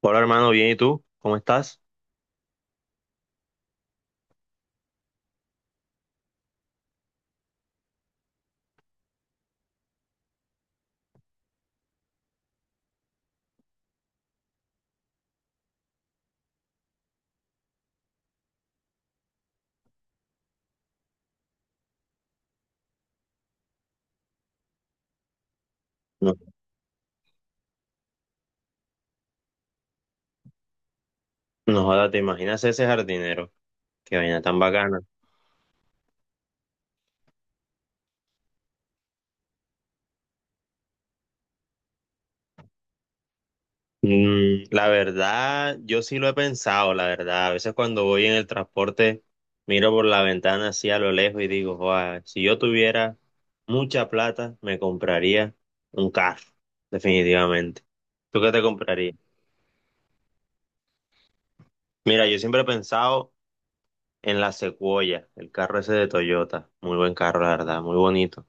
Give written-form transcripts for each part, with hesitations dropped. Hola hermano, bien, ¿y tú? ¿Cómo estás? No, no jodas, ¿te imaginas ese jardinero? Qué vaina tan bacana. Mm, la verdad, yo sí lo he pensado, la verdad. A veces cuando voy en el transporte, miro por la ventana así a lo lejos y digo, "Joa, si yo tuviera mucha plata, me compraría un carro, definitivamente. ¿Tú qué te comprarías? Mira, yo siempre he pensado en la Sequoia, el carro ese de Toyota. Muy buen carro, la verdad, muy bonito.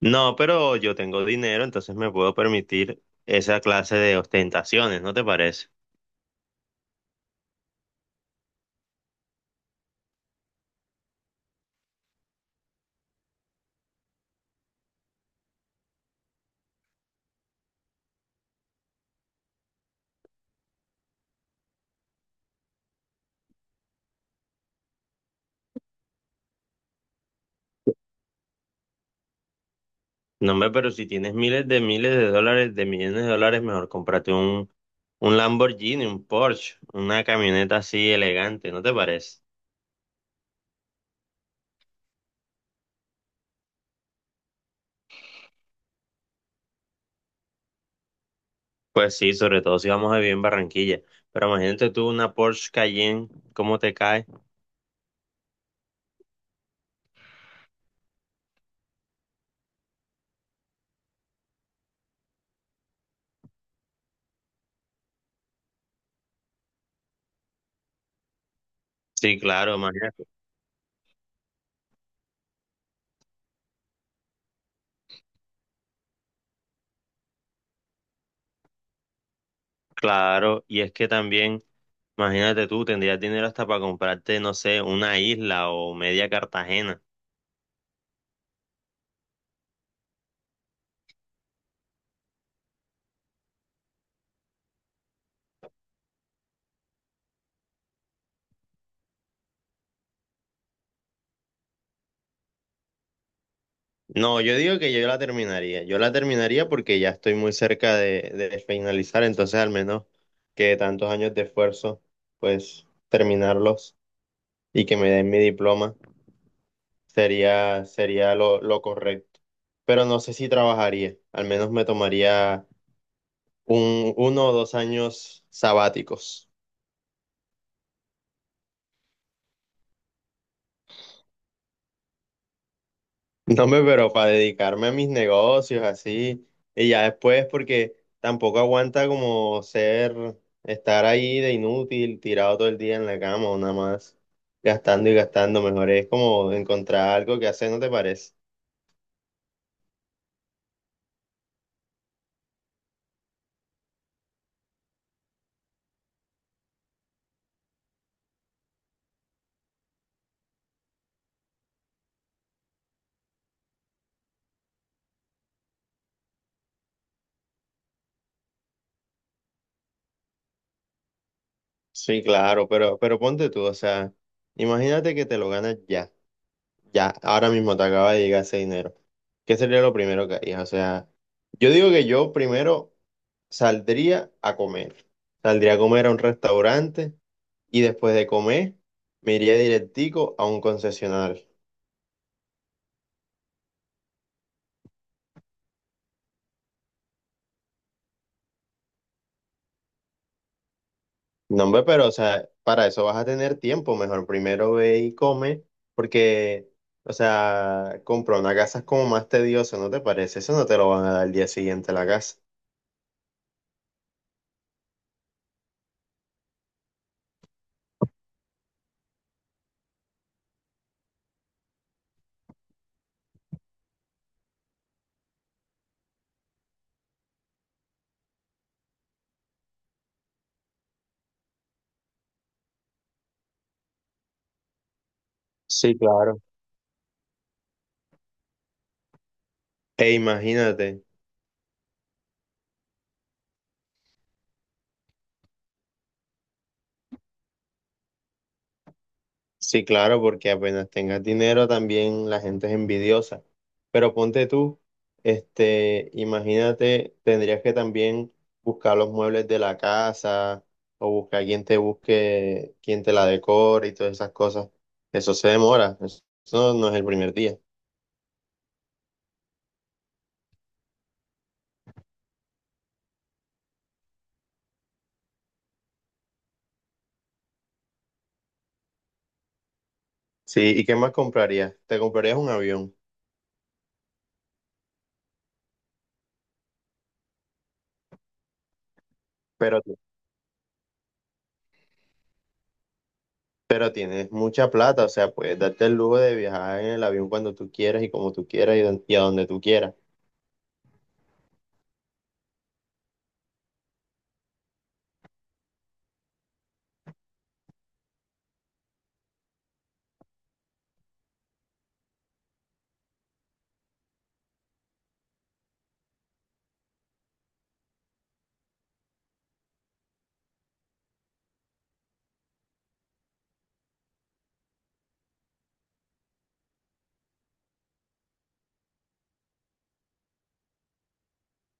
No, pero yo tengo dinero, entonces me puedo permitir esa clase de ostentaciones, ¿no te parece? No, hombre, pero si tienes miles de dólares, de millones de dólares, mejor cómprate un Lamborghini, un Porsche, una camioneta así elegante, ¿no te parece? Pues sí, sobre todo si vamos a vivir en Barranquilla. Pero imagínate tú una Porsche Cayenne, ¿cómo te cae? Sí, claro, imagínate. Claro, y es que también, imagínate tú, tendrías dinero hasta para comprarte, no sé, una isla o media Cartagena. No, yo digo que yo la terminaría. Yo la terminaría porque ya estoy muy cerca de finalizar, entonces al menos que tantos años de esfuerzo, pues terminarlos y que me den mi diploma sería, sería lo correcto. Pero no sé si trabajaría, al menos me tomaría un, uno o dos años sabáticos. No me, pero para dedicarme a mis negocios así. Y ya después, porque tampoco aguanta como ser, estar ahí de inútil, tirado todo el día en la cama o nada más, gastando y gastando. Mejor es como encontrar algo que hacer, ¿no te parece? Sí, claro, pero ponte tú, o sea, imagínate que te lo ganas ya, ya, ahora mismo te acaba de llegar ese dinero. ¿Qué sería lo primero que harías? O sea, yo digo que yo primero saldría a comer. Saldría a comer a un restaurante y después de comer me iría directico a un concesionario. No, hombre, pero o sea, para eso vas a tener tiempo, mejor primero ve y come, porque, o sea, comprar una casa es como más tedioso, ¿no te parece? Eso no te lo van a dar el día siguiente a la casa. Sí, claro. E imagínate. Sí, claro, porque apenas tengas dinero también la gente es envidiosa. Pero ponte tú, este, imagínate, tendrías que también buscar los muebles de la casa o buscar quien te busque, quien te la decore y todas esas cosas. Eso se demora, eso no es el primer día. Sí, ¿y qué más comprarías? Te comprarías un avión, pero, pero tienes mucha plata, o sea, puedes darte el lujo de viajar en el avión cuando tú quieras y como tú quieras y y a donde tú quieras.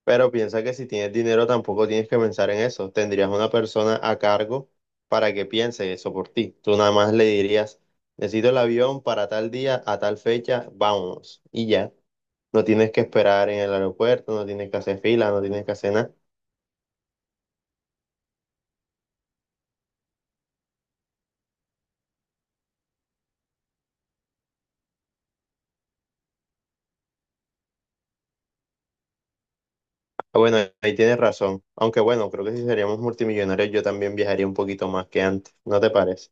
Pero piensa que si tienes dinero tampoco tienes que pensar en eso. Tendrías una persona a cargo para que piense eso por ti. Tú nada más le dirías, necesito el avión para tal día, a tal fecha, vámonos. Y ya. No tienes que esperar en el aeropuerto, no tienes que hacer fila, no tienes que hacer nada. Ah, bueno, ahí tienes razón. Aunque bueno, creo que si seríamos multimillonarios yo también viajaría un poquito más que antes. ¿No te parece?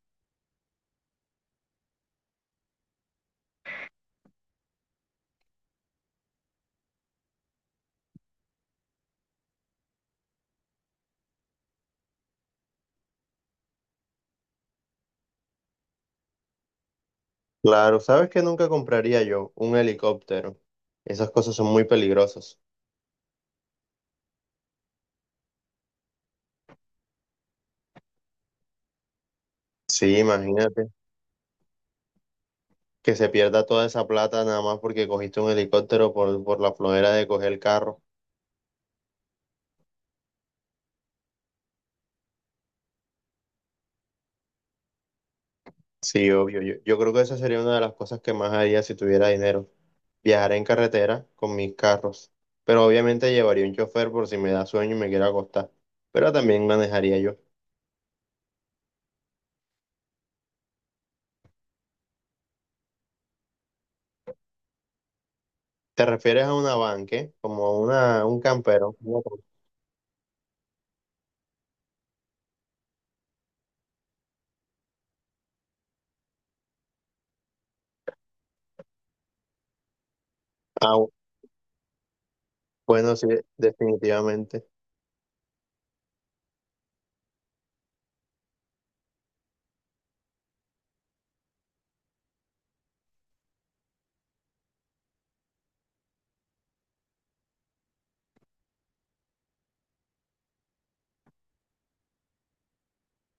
Claro, ¿sabes que nunca compraría yo? Un helicóptero. Esas cosas son muy peligrosas. Sí, imagínate. Que se pierda toda esa plata nada más porque cogiste un helicóptero por la flojera de coger el carro. Sí, obvio. Yo creo que esa sería una de las cosas que más haría si tuviera dinero. Viajar en carretera con mis carros. Pero obviamente llevaría un chofer por si me da sueño y me quiero acostar. Pero también manejaría yo. ¿Te refieres a una van, qué? Como una, un campero. Ah, bueno, sí, definitivamente.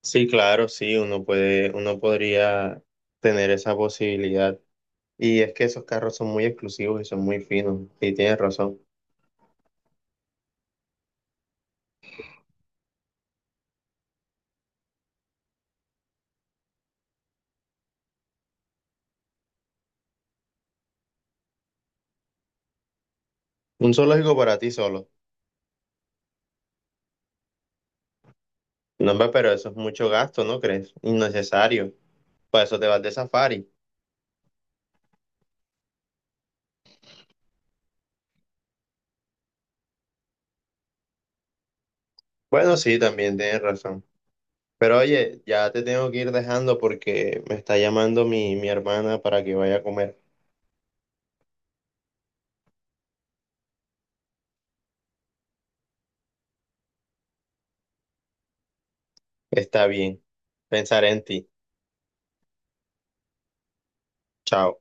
Sí, claro, sí, uno puede, uno podría tener esa posibilidad. Y es que esos carros son muy exclusivos y son muy finos. Y tienes razón. Un zoológico para ti solo. No, hombre, pero eso es mucho gasto, ¿no crees? Innecesario. Para eso te vas de safari. Bueno, sí, también tienes razón. Pero oye, ya te tengo que ir dejando porque me está llamando mi hermana para que vaya a comer. Está bien. Pensaré en ti. Chao.